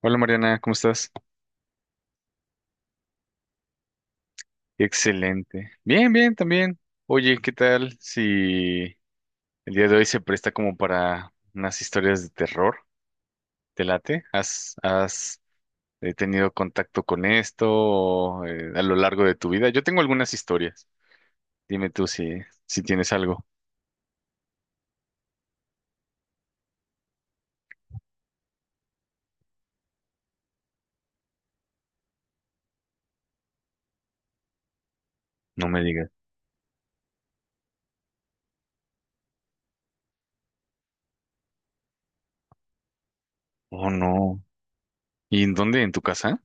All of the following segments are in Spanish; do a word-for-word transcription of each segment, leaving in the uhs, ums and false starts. Hola Mariana, ¿cómo estás? Excelente. Bien, bien, también. Oye, ¿qué tal si el día de hoy se presta como para unas historias de terror? ¿Te late? ¿Has, has eh, tenido contacto con esto o, eh, a lo largo de tu vida? Yo tengo algunas historias. Dime tú si, si tienes algo. No me digas. Oh, no. ¿Y en dónde? ¿En tu casa?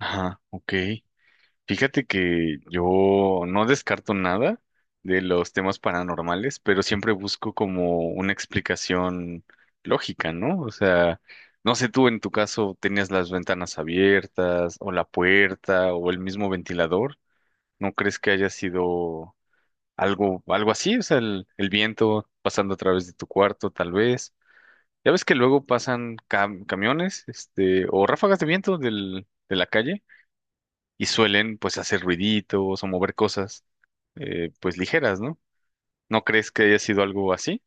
Ajá, ok. Fíjate que yo no descarto nada de los temas paranormales, pero siempre busco como una explicación lógica, ¿no? O sea, no sé, tú en tu caso tenías las ventanas abiertas o la puerta o el mismo ventilador, ¿no crees que haya sido algo, algo así? O sea, el, el viento pasando a través de tu cuarto, tal vez. Ya ves que luego pasan cam- camiones, este, o ráfagas de viento del, de la calle y suelen pues hacer ruiditos o mover cosas eh, pues ligeras, ¿no? ¿No crees que haya sido algo así?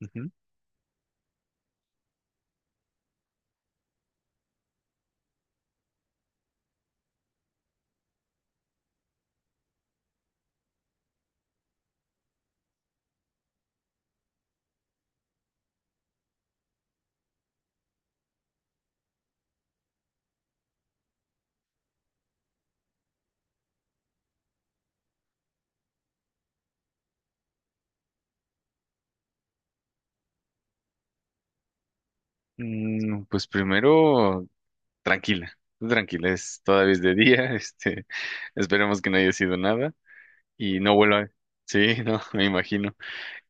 Ujú. Mm, pues primero, tranquila, tú tranquila, es todavía es de día, este, esperemos que no haya sido nada y no vuelva. Sí, no, me imagino.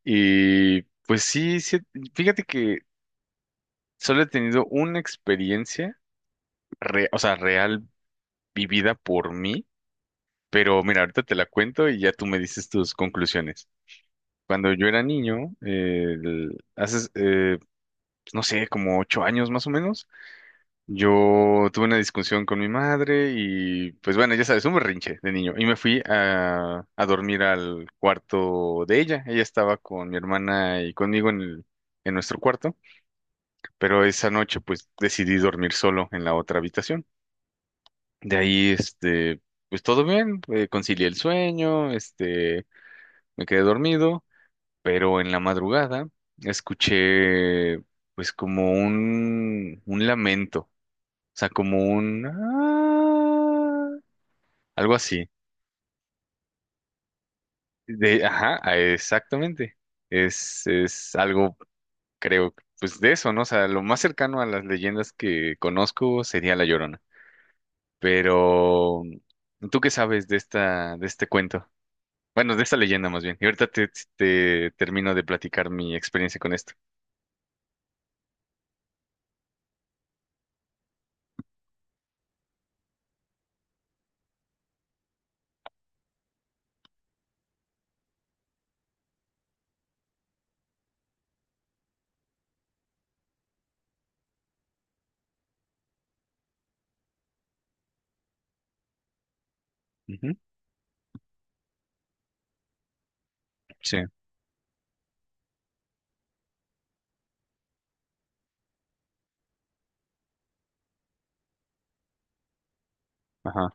Y pues sí, sí, fíjate que solo he tenido una experiencia, re- o sea, real vivida por mí, pero mira, ahorita te la cuento y ya tú me dices tus conclusiones. Cuando yo era niño, eh, el- hace, eh, no sé, como ocho años más o menos, yo tuve una discusión con mi madre y pues bueno, ya sabes, un berrinche de niño. Y me fui a, a dormir al cuarto de ella. Ella estaba con mi hermana y conmigo en el- en nuestro cuarto, pero esa noche pues decidí dormir solo en la otra habitación. De ahí, este, pues todo bien, eh, concilié el sueño, este, me quedé dormido. Pero en la madrugada escuché pues como un, un lamento, o sea, como un "Ah", algo así. De, ajá, ah, exactamente. Es, es algo, creo, pues de eso, ¿no? O sea, lo más cercano a las leyendas que conozco sería La Llorona. Pero, ¿tú qué sabes de esta, de este cuento? Bueno, de esta leyenda más bien. Y ahorita te, te termino de platicar mi experiencia con esto. Ujú, sí, ajá.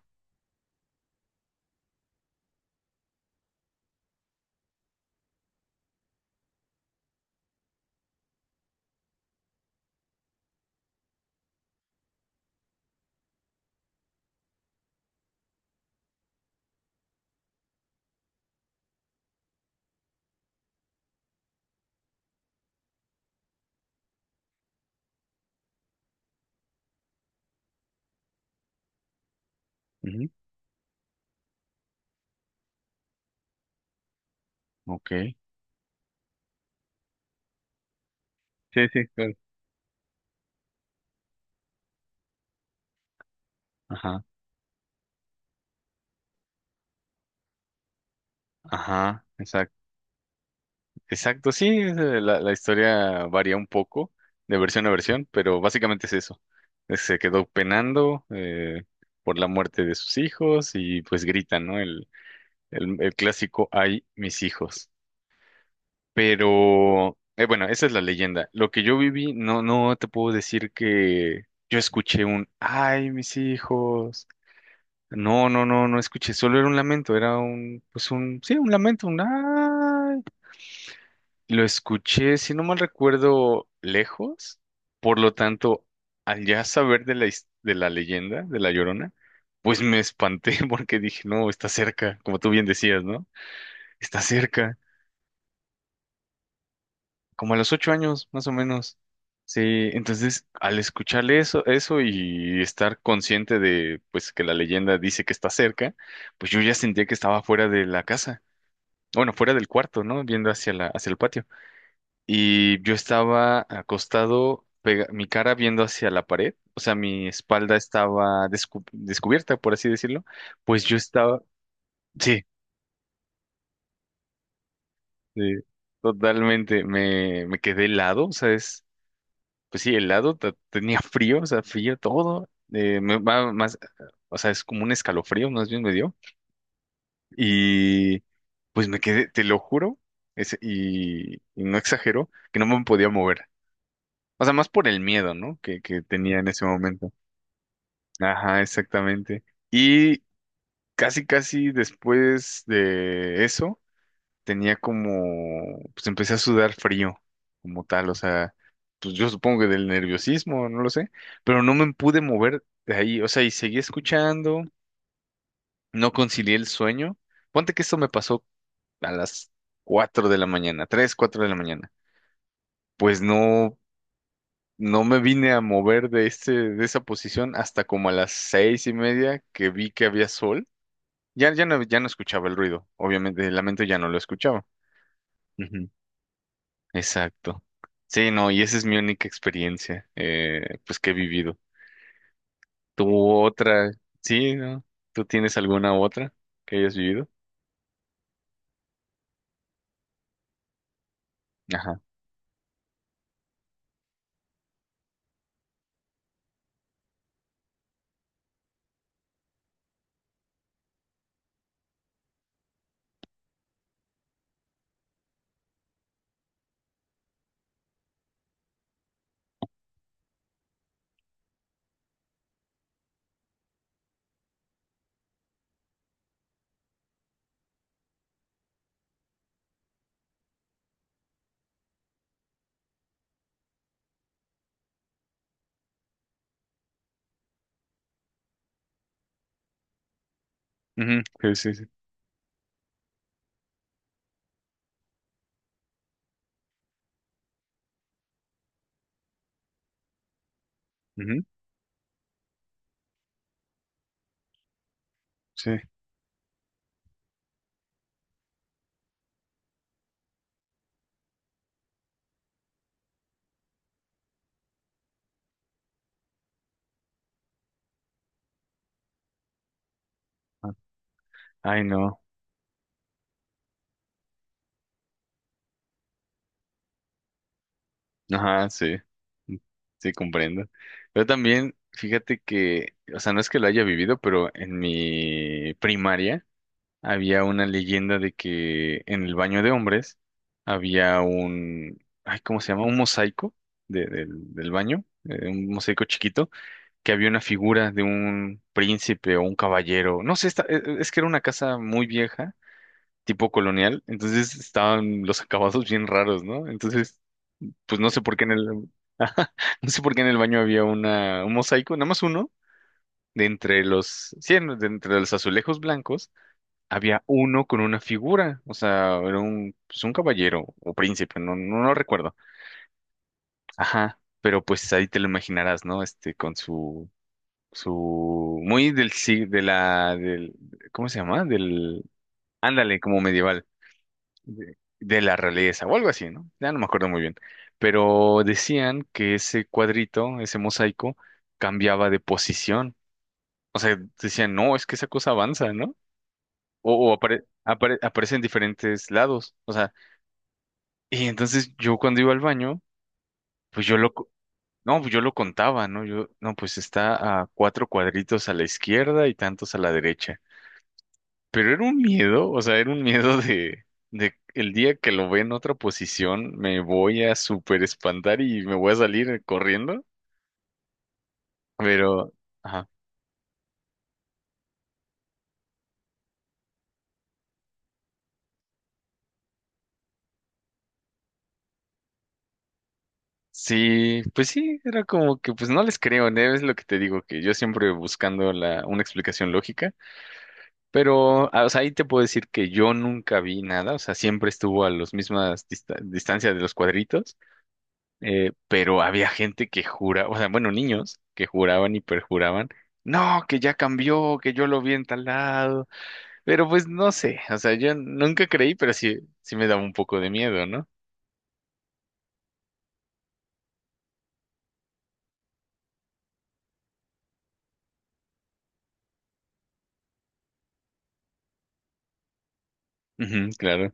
Ujú, ok. Sí, sí, claro. Ajá, ajá, exacto. Exacto, sí, es, eh, la, la historia varía un poco de versión a versión, pero básicamente es eso. Eh, Se quedó penando eh, por la muerte de sus hijos y pues grita, ¿no? El, el, el clásico, ay, mis hijos. Pero, eh, bueno, esa es la leyenda. Lo que yo viví, no, no te puedo decir que yo escuché un, ay, mis hijos. No, no, no, no escuché, solo era un lamento, era un, pues un, sí, un lamento, un, ay. Lo escuché, si no mal recuerdo, lejos. Por lo tanto, al ya saber de la, his- de la leyenda de La Llorona, pues me espanté porque dije, no, está cerca, como tú bien decías, ¿no? Está cerca, como a los ocho años, más o menos. Sí, entonces al escucharle eso, eso y estar consciente de, pues, que la leyenda dice que está cerca, pues yo ya sentía que estaba fuera de la casa, bueno, fuera del cuarto, ¿no? Viendo hacia la, hacia el patio. Y yo estaba acostado, pega- mi cara viendo hacia la pared, o sea, mi espalda estaba descu- descubierta, por así decirlo, pues yo estaba, sí, sí, totalmente, me, me quedé helado, o sea, es, pues sí, helado, te- tenía frío, o sea, frío todo, eh, me va más, o sea, es como un escalofrío, más bien me dio, y pues me quedé, te lo juro, ese- y, y no exagero, que no me podía mover. O sea, más por el miedo, ¿no? Que, que tenía en ese momento. Ajá, exactamente. Y casi, casi después de eso, tenía como, pues empecé a sudar frío, como tal, o sea, pues yo supongo que del nerviosismo, no lo sé, pero no me pude mover de ahí, o sea, y seguí escuchando, no concilié el sueño. Ponte que esto me pasó a las cuatro de la mañana, tres cuatro de la mañana. Pues no, no me vine a mover de este, de esa posición hasta como a las seis y media que vi que había sol. Ya, ya no, ya no escuchaba el ruido, obviamente, el lamento ya no lo escuchaba. Ujú, exacto. Sí, no, y esa es mi única experiencia, eh, pues que he vivido. ¿Tú otra? Sí, ¿no? ¿Tú tienes alguna otra que hayas vivido? Ajá. Ujú, sí, sí, sí. Ujú, sí. Ah, ay, no. Ajá, sí. Mm, Sí, comprendo. Yo también, fíjate que, o sea, no es que lo haya vivido, pero en mi primaria, había una leyenda de que en el baño de hombres había un, ay, ¿cómo se llama? Un mosaico de- del, del baño, eh, un mosaico chiquito, que había una figura de un príncipe o un caballero. No sé, esta- eh, eh, es que era una casa muy vieja, tipo colonial, entonces estaban los acabados bien raros, ¿no? Entonces, pues no sé por qué en el, Ajá, no sé por qué en el baño había una, un mosaico, nada más uno. De entre los, sí, de entre los azulejos blancos había uno con una figura, o sea, era un, pues un caballero o príncipe, no, no lo recuerdo. Ajá, pero pues ahí te lo imaginarás, ¿no? Este, con su, su, muy del, sí, de la, del, ¿cómo se llama? Del, ándale, como medieval, de, de la realeza o algo así, ¿no? Ya no me acuerdo muy bien. Pero decían que ese cuadrito, ese mosaico, cambiaba de posición. O sea, decían, no, es que esa cosa avanza, ¿no? O, o apare- apare- aparece en diferentes lados. O sea, y entonces yo cuando iba al baño, pues yo lo, co- no, pues yo lo contaba, ¿no? Yo, no, pues está a cuatro cuadritos a la izquierda y tantos a la derecha. Pero era un miedo, o sea, era un miedo de, de el día que lo ve en otra posición, me voy a súper espantar y me voy a salir corriendo. Pero, ajá. Sí, pues sí, era como que, pues no les creo, ¿no? Es lo que te digo, que yo siempre buscando la, una explicación lógica. Pero, ah, o sea, ahí te puedo decir que yo nunca vi nada, o sea, siempre estuvo a las mismas dista- distancias de los cuadritos, eh, pero había gente que juraba, o sea, bueno, niños que juraban y perjuraban, no, que ya cambió, que yo lo vi en tal lado, pero pues no sé, o sea, yo nunca creí, pero sí, sí me daba un poco de miedo, ¿no? Ujú, claro,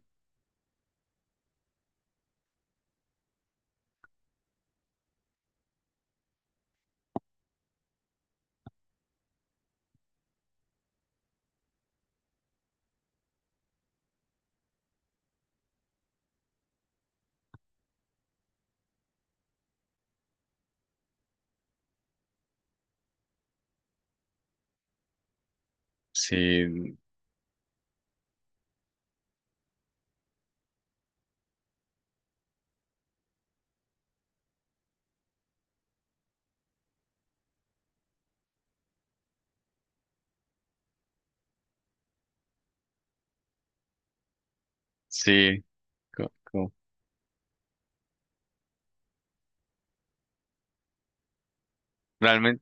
sí, sí, co- co- realmente,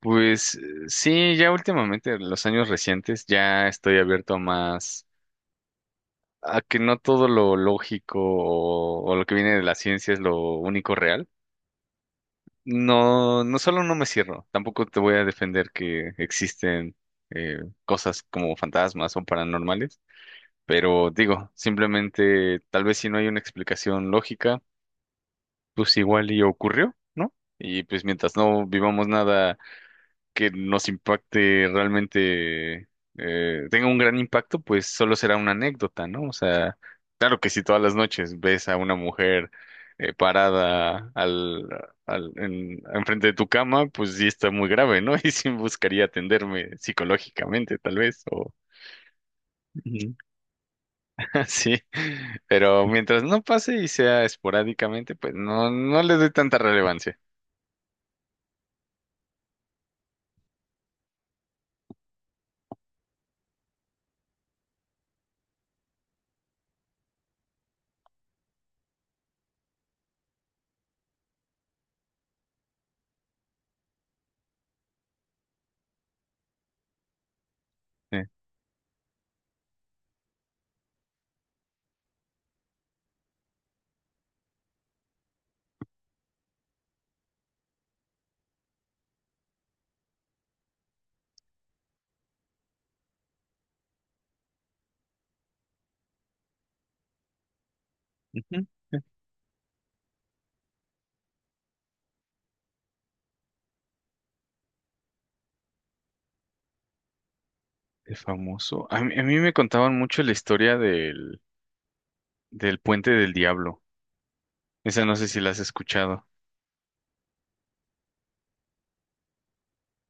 pues eh, sí, ya últimamente, los años recientes, ya estoy abierto a más a que no todo lo lógico o, o lo que viene de la ciencia es lo único real. No, no solo no me cierro, tampoco te voy a defender que existen eh, cosas como fantasmas o paranormales, pero digo, simplemente tal vez si no hay una explicación lógica, pues igual y ocurrió, ¿no? Y pues mientras no vivamos nada que nos impacte realmente, eh, tenga un gran impacto, pues solo será una anécdota, ¿no? O sea, claro que si todas las noches ves a una mujer eh, parada al, al, en, enfrente de tu cama, pues sí está muy grave, ¿no? Y sí buscaría atenderme psicológicamente, tal vez, o Ujú. Así. Pero mientras no pase y sea esporádicamente, pues no, no le doy tanta relevancia. Eh, Ujú. El famoso. A mí, a mí me contaban mucho la historia del del Puente del Diablo. Esa no sé si la has escuchado.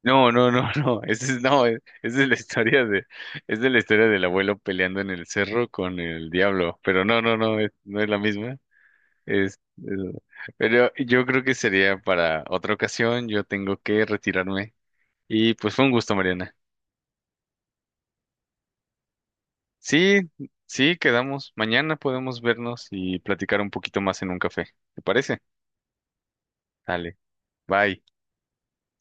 No, no, no, no. Esa es, no, es, es de la historia de, es de la historia del abuelo peleando en el cerro con el diablo. Pero no, no, no, es- no es la misma. Es, es- pero yo creo que sería para otra ocasión. Yo tengo que retirarme. Y pues fue un gusto, Mariana. Sí, sí, quedamos. Mañana podemos vernos y platicar un poquito más en un café. ¿Te parece? Dale, bye.